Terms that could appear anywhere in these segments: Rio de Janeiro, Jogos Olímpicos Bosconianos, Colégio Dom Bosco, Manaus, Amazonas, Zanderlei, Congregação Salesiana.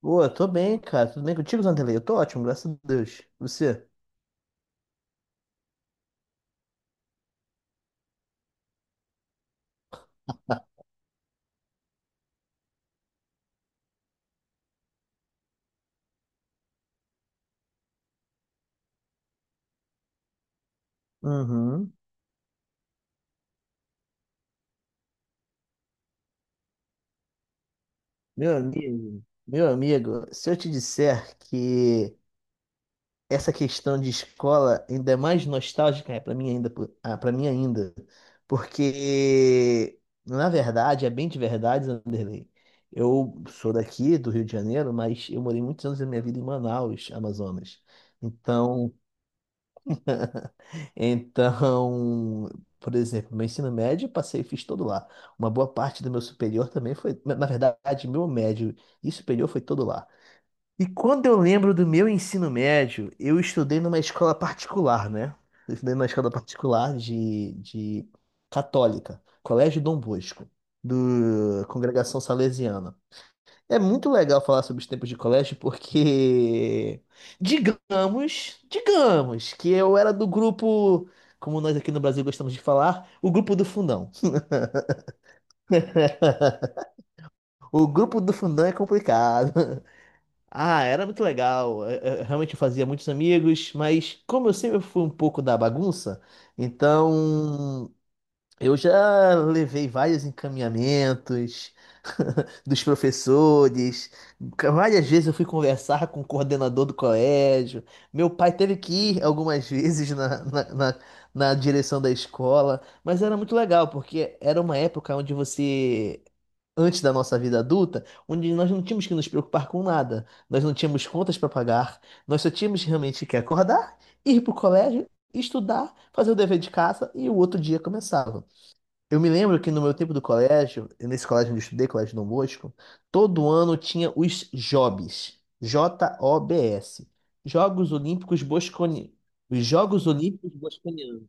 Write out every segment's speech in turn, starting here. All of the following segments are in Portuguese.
Pô, eu tô bem, cara. Tudo bem contigo, Zanderlei? Eu tô ótimo, graças a Deus. Você? Uhum. Meu amigo, se eu te disser que essa questão de escola ainda é mais nostálgica, é para mim ainda, porque na verdade, é bem de verdade, Zanderlei. Eu sou daqui do Rio de Janeiro, mas eu morei muitos anos da minha vida em Manaus, Amazonas. Então, Então, por exemplo, meu ensino médio eu passei e fiz todo lá. Uma boa parte do meu superior também foi, na verdade, meu médio e superior foi todo lá. E quando eu lembro do meu ensino médio, eu estudei numa escola particular, né? Eu estudei numa escola particular de católica, Colégio Dom Bosco, do Congregação Salesiana. É muito legal falar sobre os tempos de colégio porque, digamos, que eu era do grupo, como nós aqui no Brasil gostamos de falar, o grupo do fundão. O grupo do fundão é complicado. Ah, era muito legal. Eu realmente eu fazia muitos amigos, mas como eu sempre fui um pouco da bagunça, então eu já levei vários encaminhamentos dos professores. Várias vezes eu fui conversar com o coordenador do colégio. Meu pai teve que ir algumas vezes na direção da escola. Mas era muito legal, porque era uma época onde você. antes da nossa vida adulta, onde nós não tínhamos que nos preocupar com nada, nós não tínhamos contas para pagar, nós só tínhamos realmente que acordar, ir para o colégio, estudar, fazer o dever de casa e o outro dia começava. Eu me lembro que no meu tempo do colégio, nesse colégio onde eu estudei, Colégio Dom Bosco, todo ano tinha os JOBs, JOBS, Jogos Olímpicos Bosconi, os Jogos Olímpicos Bosconianos.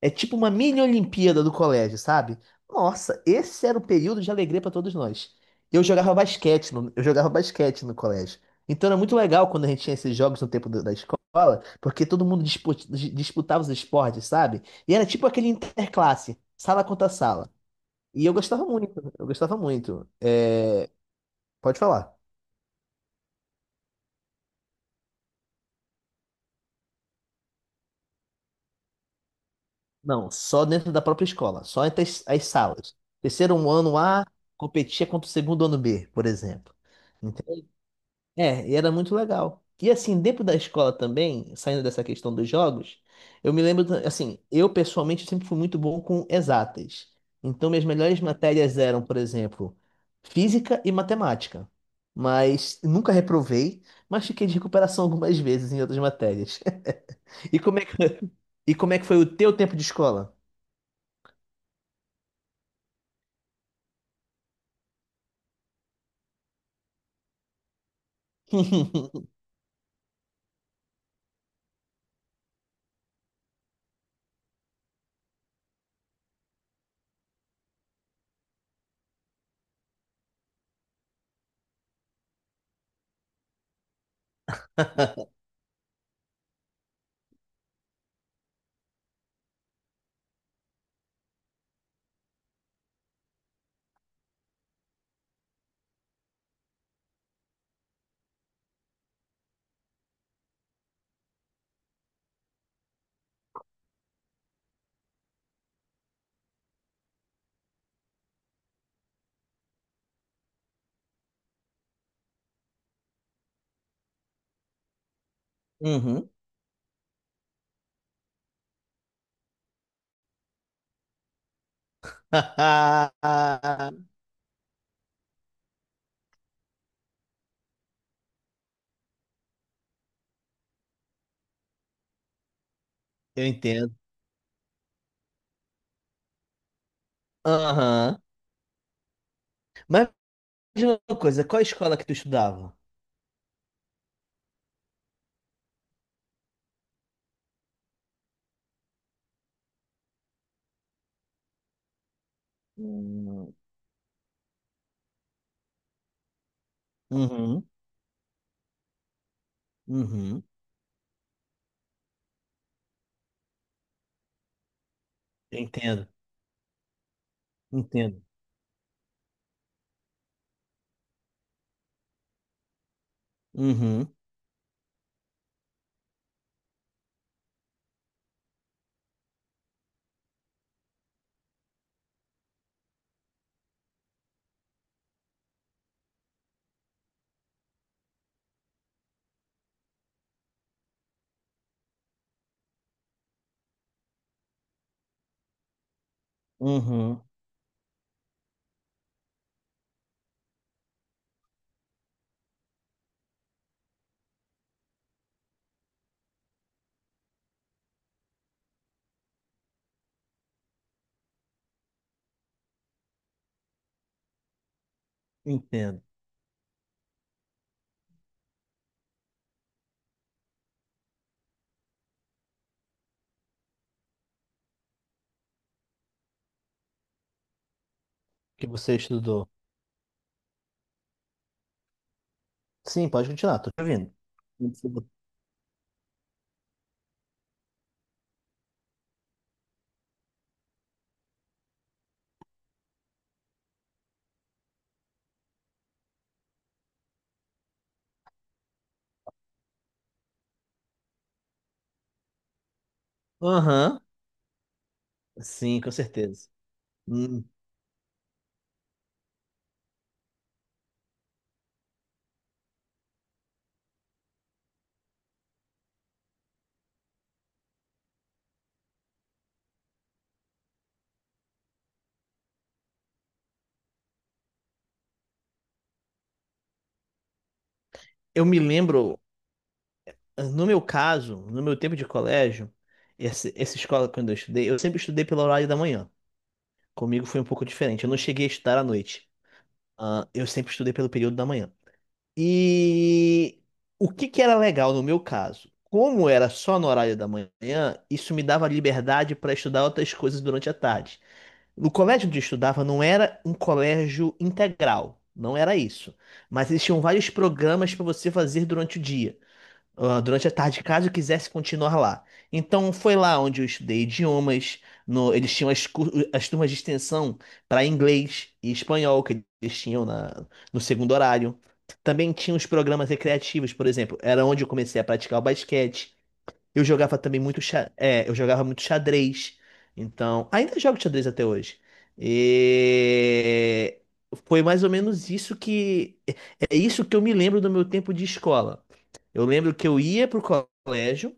É tipo uma mini Olimpíada do colégio, sabe? Nossa, esse era o período de alegria para todos nós. Eu jogava basquete no colégio. Então era muito legal quando a gente tinha esses jogos no tempo da escola, porque todo mundo disputava os esportes, sabe? E era tipo aquele interclasse, sala contra sala. E eu gostava muito, eu gostava muito. É, pode falar. Não, só dentro da própria escola, só entre as salas. Terceiro ano A competia contra o segundo ano B, por exemplo. Ente- É, e era muito legal. E assim, dentro da escola também, saindo dessa questão dos jogos, eu me lembro, assim, eu pessoalmente sempre fui muito bom com exatas. Então, minhas melhores matérias eram, por exemplo, física e matemática. Mas nunca reprovei, mas fiquei de recuperação algumas vezes em outras matérias. E como é que, e como é que foi o teu tempo de escola? Uhum. Eu entendo. Aham. Mas me diz uma coisa, qual a escola que tu estudava? Hum. Uhum. Uhum. Eu entendo. Entendo. Uhum. Uhum. Entendo. Que você estudou. Sim, pode continuar, tô te ouvindo. Aham. Sim, com certeza. Hum. Eu me lembro, no meu caso, no meu tempo de colégio, essa escola quando eu estudei, eu sempre estudei pelo horário da manhã. Comigo foi um pouco diferente. Eu não cheguei a estudar à noite. Ah, eu sempre estudei pelo período da manhã. E o que que era legal no meu caso? Como era só no horário da manhã, isso me dava liberdade para estudar outras coisas durante a tarde. No colégio onde eu estudava não era um colégio integral, não era isso. Mas existiam vários programas para você fazer durante o dia ah, durante a tarde, caso eu quisesse continuar lá. Então foi lá onde eu estudei idiomas. Eles tinham as turmas de extensão para inglês e espanhol que eles tinham no segundo horário. Também tinha os programas recreativos, por exemplo, era onde eu comecei a praticar o basquete. Eu jogava muito xadrez. Então, ainda jogo xadrez até hoje. E foi mais ou menos isso que é é isso que eu me lembro do meu tempo de escola. Eu lembro que eu ia pro colégio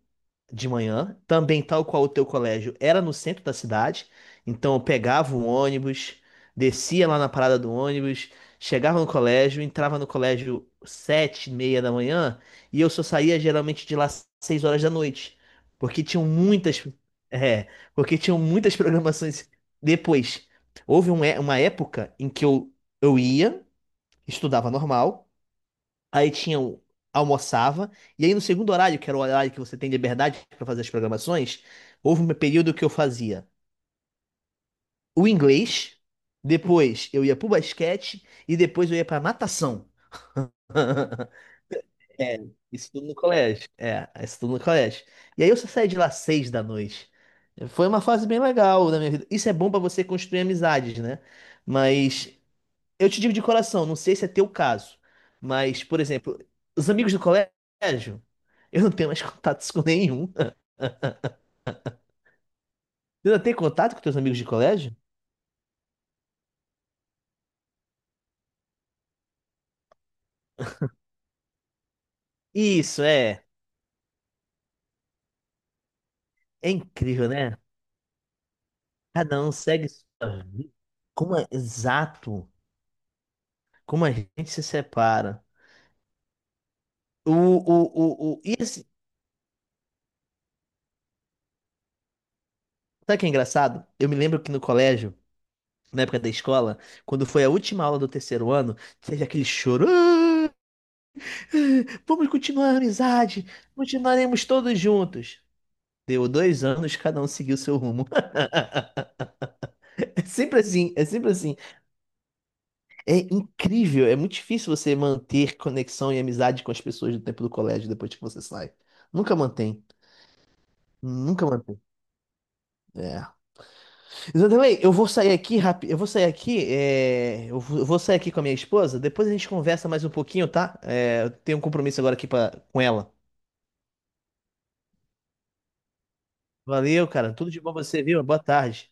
de manhã, também tal qual o teu colégio era no centro da cidade, então eu pegava o ônibus, descia lá na parada do ônibus, chegava no colégio, entrava no colégio 7h30 da manhã e eu só saía geralmente de lá 6 horas da noite, porque tinham muitas, é, porque tinham muitas programações depois. Houve uma época em que eu ia, estudava normal aí tinha almoçava, e aí no segundo horário, que era o horário que você tem liberdade para fazer as programações, houve um período que eu fazia o inglês, depois eu ia pro basquete e depois eu ia pra natação. É, isso tudo no colégio. É, isso tudo no colégio. E aí eu só saí de lá 6 da noite. Foi uma fase bem legal da minha vida. Isso é bom pra você construir amizades, né? Mas eu te digo de coração, não sei se é teu caso, mas, por exemplo, os amigos do colégio, eu não tenho mais contatos com nenhum. Tu não tem contato com teus amigos de colégio? Isso, é. É incrível, né? Cada um segue sua vida. Como é exato, como a gente se separa. E assim, sabe o que é engraçado? Eu me lembro que no colégio, na época da escola, quando foi a última aula do terceiro ano, teve aquele choro. "Ah, vamos continuar a amizade, continuaremos todos juntos. Deu 2 anos, cada um seguiu seu rumo. É sempre assim, é sempre assim. É incrível, é muito difícil você manter conexão e amizade com as pessoas do tempo do colégio depois que você sai. Nunca mantém, nunca mantém. É. Zanderlei, eu vou sair aqui rápido. Eu vou sair aqui com a minha esposa. Depois a gente conversa mais um pouquinho, tá? Eu tenho um compromisso agora aqui com ela. Valeu, cara. Tudo de bom pra você, viu? Boa tarde.